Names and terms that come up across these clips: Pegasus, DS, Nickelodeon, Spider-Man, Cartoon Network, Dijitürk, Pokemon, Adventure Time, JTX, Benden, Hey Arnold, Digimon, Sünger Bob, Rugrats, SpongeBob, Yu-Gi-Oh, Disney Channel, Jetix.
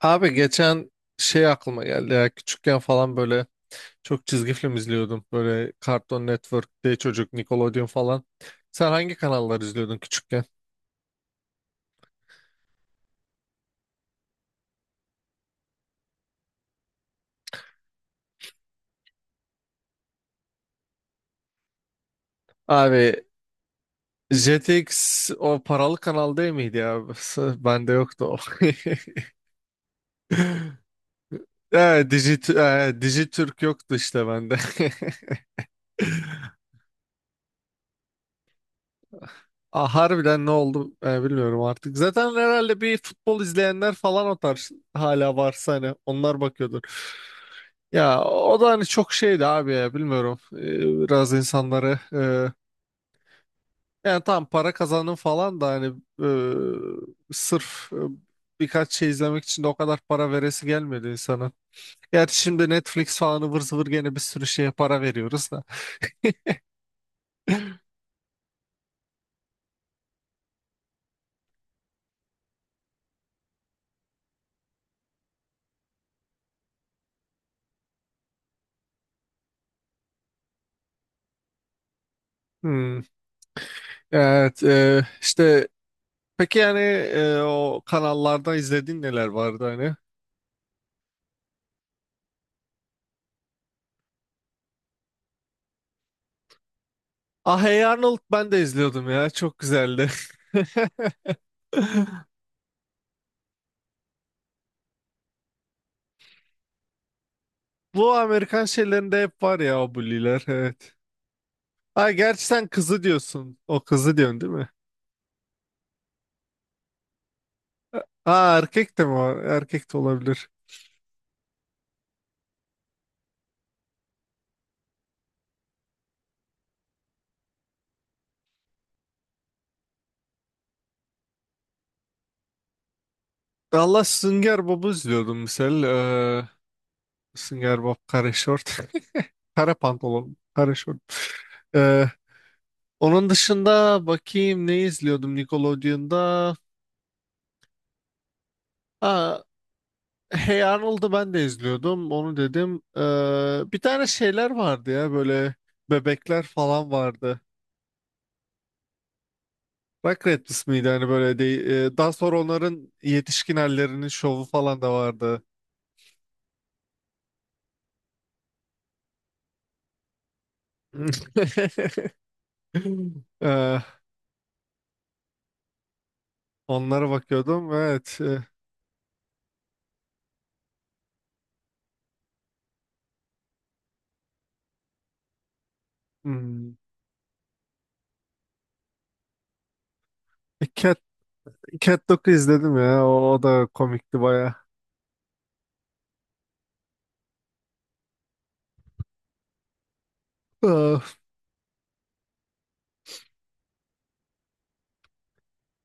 Abi geçen aklıma geldi ya küçükken falan böyle çok çizgi film izliyordum. Böyle Cartoon Network, D Çocuk, Nickelodeon falan. Sen hangi kanallar izliyordun küçükken? Abi JTX o paralı kanal değil miydi ya? Bende yoktu o. Dijitürk yoktu işte bende. Ah, harbiden ne oldu bilmiyorum artık. Zaten herhalde bir futbol izleyenler falan o tarz hala varsa hani onlar bakıyordur. Ya o da hani çok şeydi abi ya bilmiyorum. Biraz insanları yani tam para kazanın falan da hani sırf birkaç şey izlemek için de o kadar para veresi gelmedi insana. Gerçi şimdi Netflix falan ıvır zıvır gene bir sürü şeye para veriyoruz da. Hmm. Evet işte peki yani o kanallarda izlediğin neler vardı hani? Ah, Hey Arnold ben de izliyordum ya. Çok güzeldi. Bu Amerikan şeylerinde hep var ya o bully'ler. Evet. Ha gerçi sen kızı diyorsun. O kızı diyorsun değil mi? Ha erkek de mi var? Erkek de olabilir. Allah Sünger Bob'u izliyordum misal. Sünger Bob kare şort. Kare pantolon. Kare şort. Ee, Onun dışında bakayım ne izliyordum Nickelodeon'da. Ha, Hey Arnold'u ben de izliyordum. Onu dedim. Bir tane şeyler vardı ya böyle bebekler falan vardı. Rugrats ismiydi hani böyle de, daha sonra onların yetişkin hallerinin şovu falan da vardı. Ee, Onlara bakıyordum. Evet. Hmm. E, Cat, Cat Dog'u izledim ya. O da komikti baya.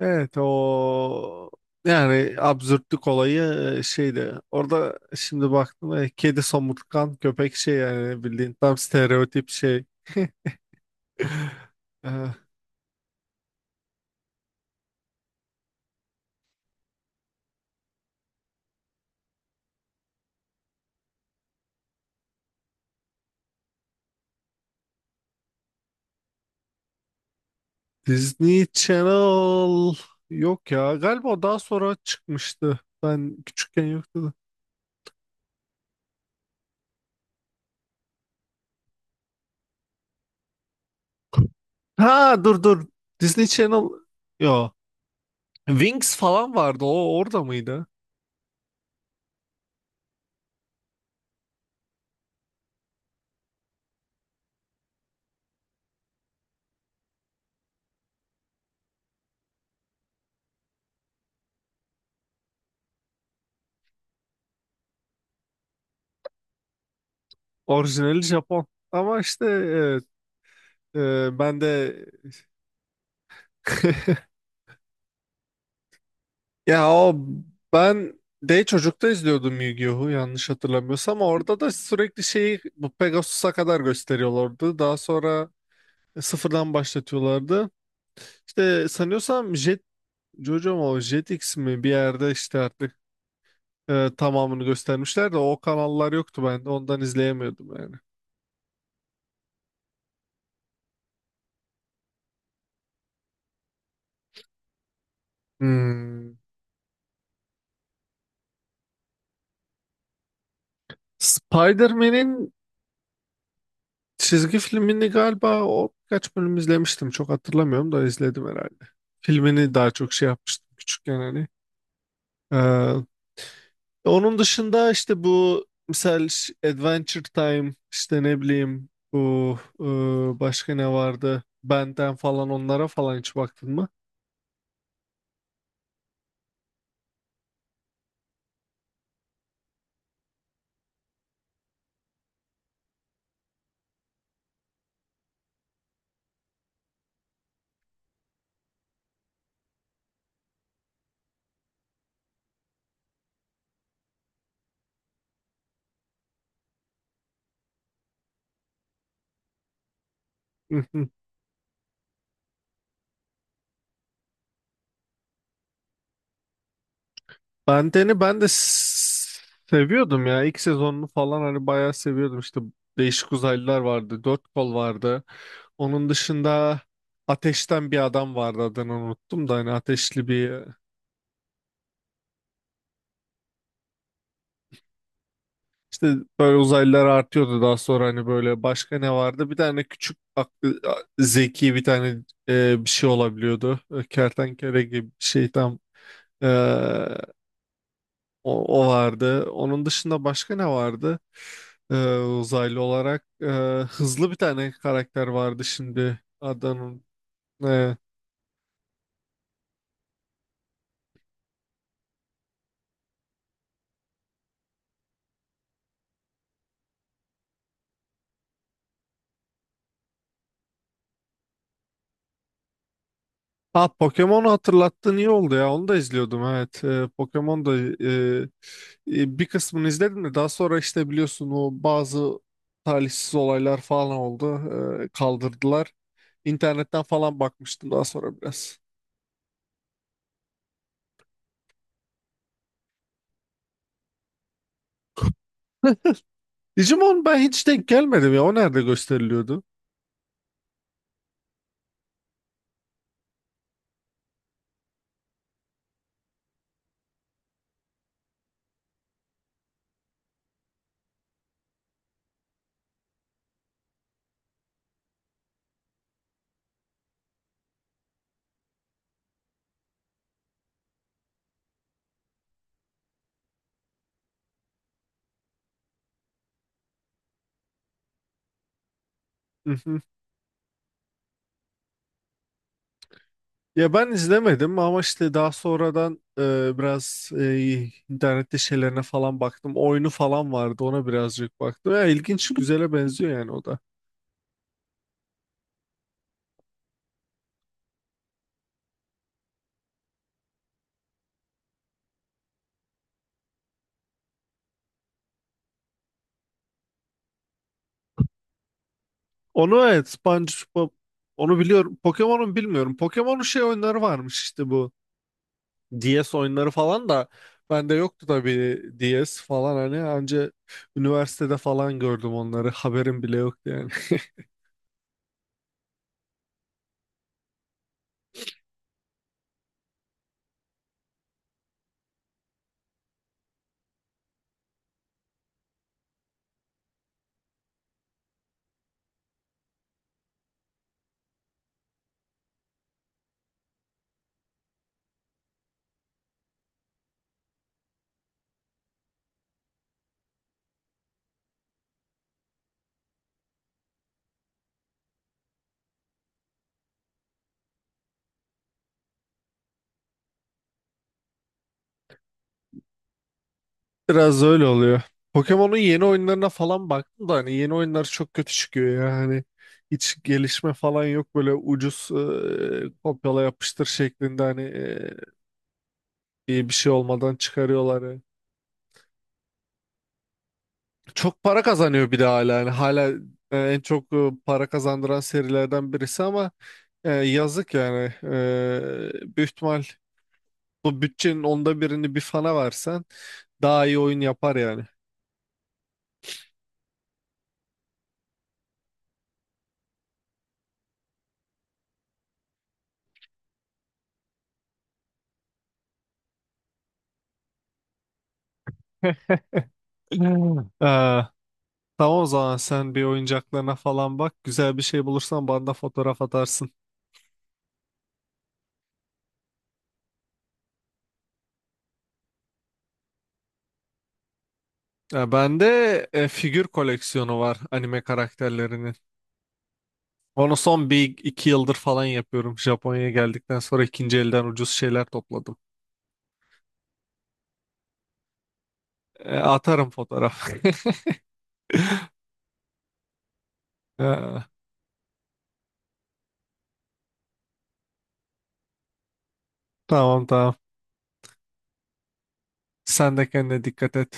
Evet o yani absürtlük olayı şeydi. Orada şimdi baktım kedi somurtkan köpek şey yani bildiğin tam stereotip şey. Eh, Disney Channel yok ya. Galiba o daha sonra çıkmıştı. Ben küçükken yoktu da. Ha, dur. Disney Channel yo. Wings falan vardı. O orada mıydı? Orijinali Japon. Ama işte evet, e, ben de Ya o ben de çocukta izliyordum Yu-Gi-Oh'u yanlış hatırlamıyorsam. Orada da sürekli şeyi bu Pegasus'a kadar gösteriyorlardı. Daha sonra sıfırdan başlatıyorlardı. İşte sanıyorsam Jojo mu Jetix mi bir yerde işte artık tamamını göstermişler de o kanallar yoktu ben de ondan izleyemiyordum yani. Hmm. Spider-Man'in çizgi filmini galiba o birkaç bölüm izlemiştim. Çok hatırlamıyorum da izledim herhalde. Filmini daha çok şey yapmıştım küçükken hani. Ee, Onun dışında işte bu misal Adventure Time işte ne bileyim bu başka ne vardı? Benden falan onlara falan hiç baktın mı? Hı hı. Benden'i ben de s- Seviyordum ya. İlk sezonunu falan hani bayağı seviyordum. İşte değişik uzaylılar vardı. Dört kol vardı. Onun dışında ateşten bir adam vardı adını unuttum da hani ateşli bir İşte böyle uzaylılar artıyordu daha sonra hani böyle başka ne vardı? Bir tane küçük aklı, zeki bir tane bir şey olabiliyordu. E, kertenkele gibi bir şey tam e, o vardı. Onun dışında başka ne vardı? Uzaylı olarak hızlı bir tane karakter vardı şimdi adının. e, Ha Pokemon'u hatırlattın iyi oldu ya. Onu da izliyordum evet. Pokemon da bir kısmını izledim de daha sonra işte biliyorsun o bazı talihsiz olaylar falan oldu. Kaldırdılar. İnternetten falan bakmıştım daha sonra biraz. Digimon ben hiç denk gelmedim ya. O nerede gösteriliyordu? Ya ben izlemedim ama işte daha sonradan biraz internette şeylerine falan baktım. Oyunu falan vardı ona birazcık baktım. Ya ilginç güzele benziyor yani o da. Onu evet SpongeBob onu biliyorum. Pokemon'un bilmiyorum. Pokemon'un şey oyunları varmış işte bu DS oyunları falan da bende yoktu tabii DS falan hani anca üniversitede falan gördüm onları. Haberim bile yoktu yani. Biraz öyle oluyor. Pokemon'un yeni oyunlarına falan baktım da hani yeni oyunlar çok kötü çıkıyor ya. Hani hiç gelişme falan yok böyle ucuz kopyala yapıştır şeklinde hani iyi bir şey olmadan çıkarıyorlar yani. Çok para kazanıyor bir de hala yani hala en çok para kazandıran serilerden birisi ama yazık yani. E, büyük ihtimal bu bütçenin onda birini bir fana versen daha iyi oyun yapar yani. Hmm. Tamam o zaman sen bir oyuncaklarına falan bak. Güzel bir şey bulursan bana da fotoğraf atarsın. Ya bende figür koleksiyonu var anime karakterlerinin. Onu son bir iki yıldır falan yapıyorum. Japonya'ya geldikten sonra ikinci elden ucuz şeyler topladım. E, atarım fotoğraf. E, tamam, tamam. Sen de kendine dikkat et.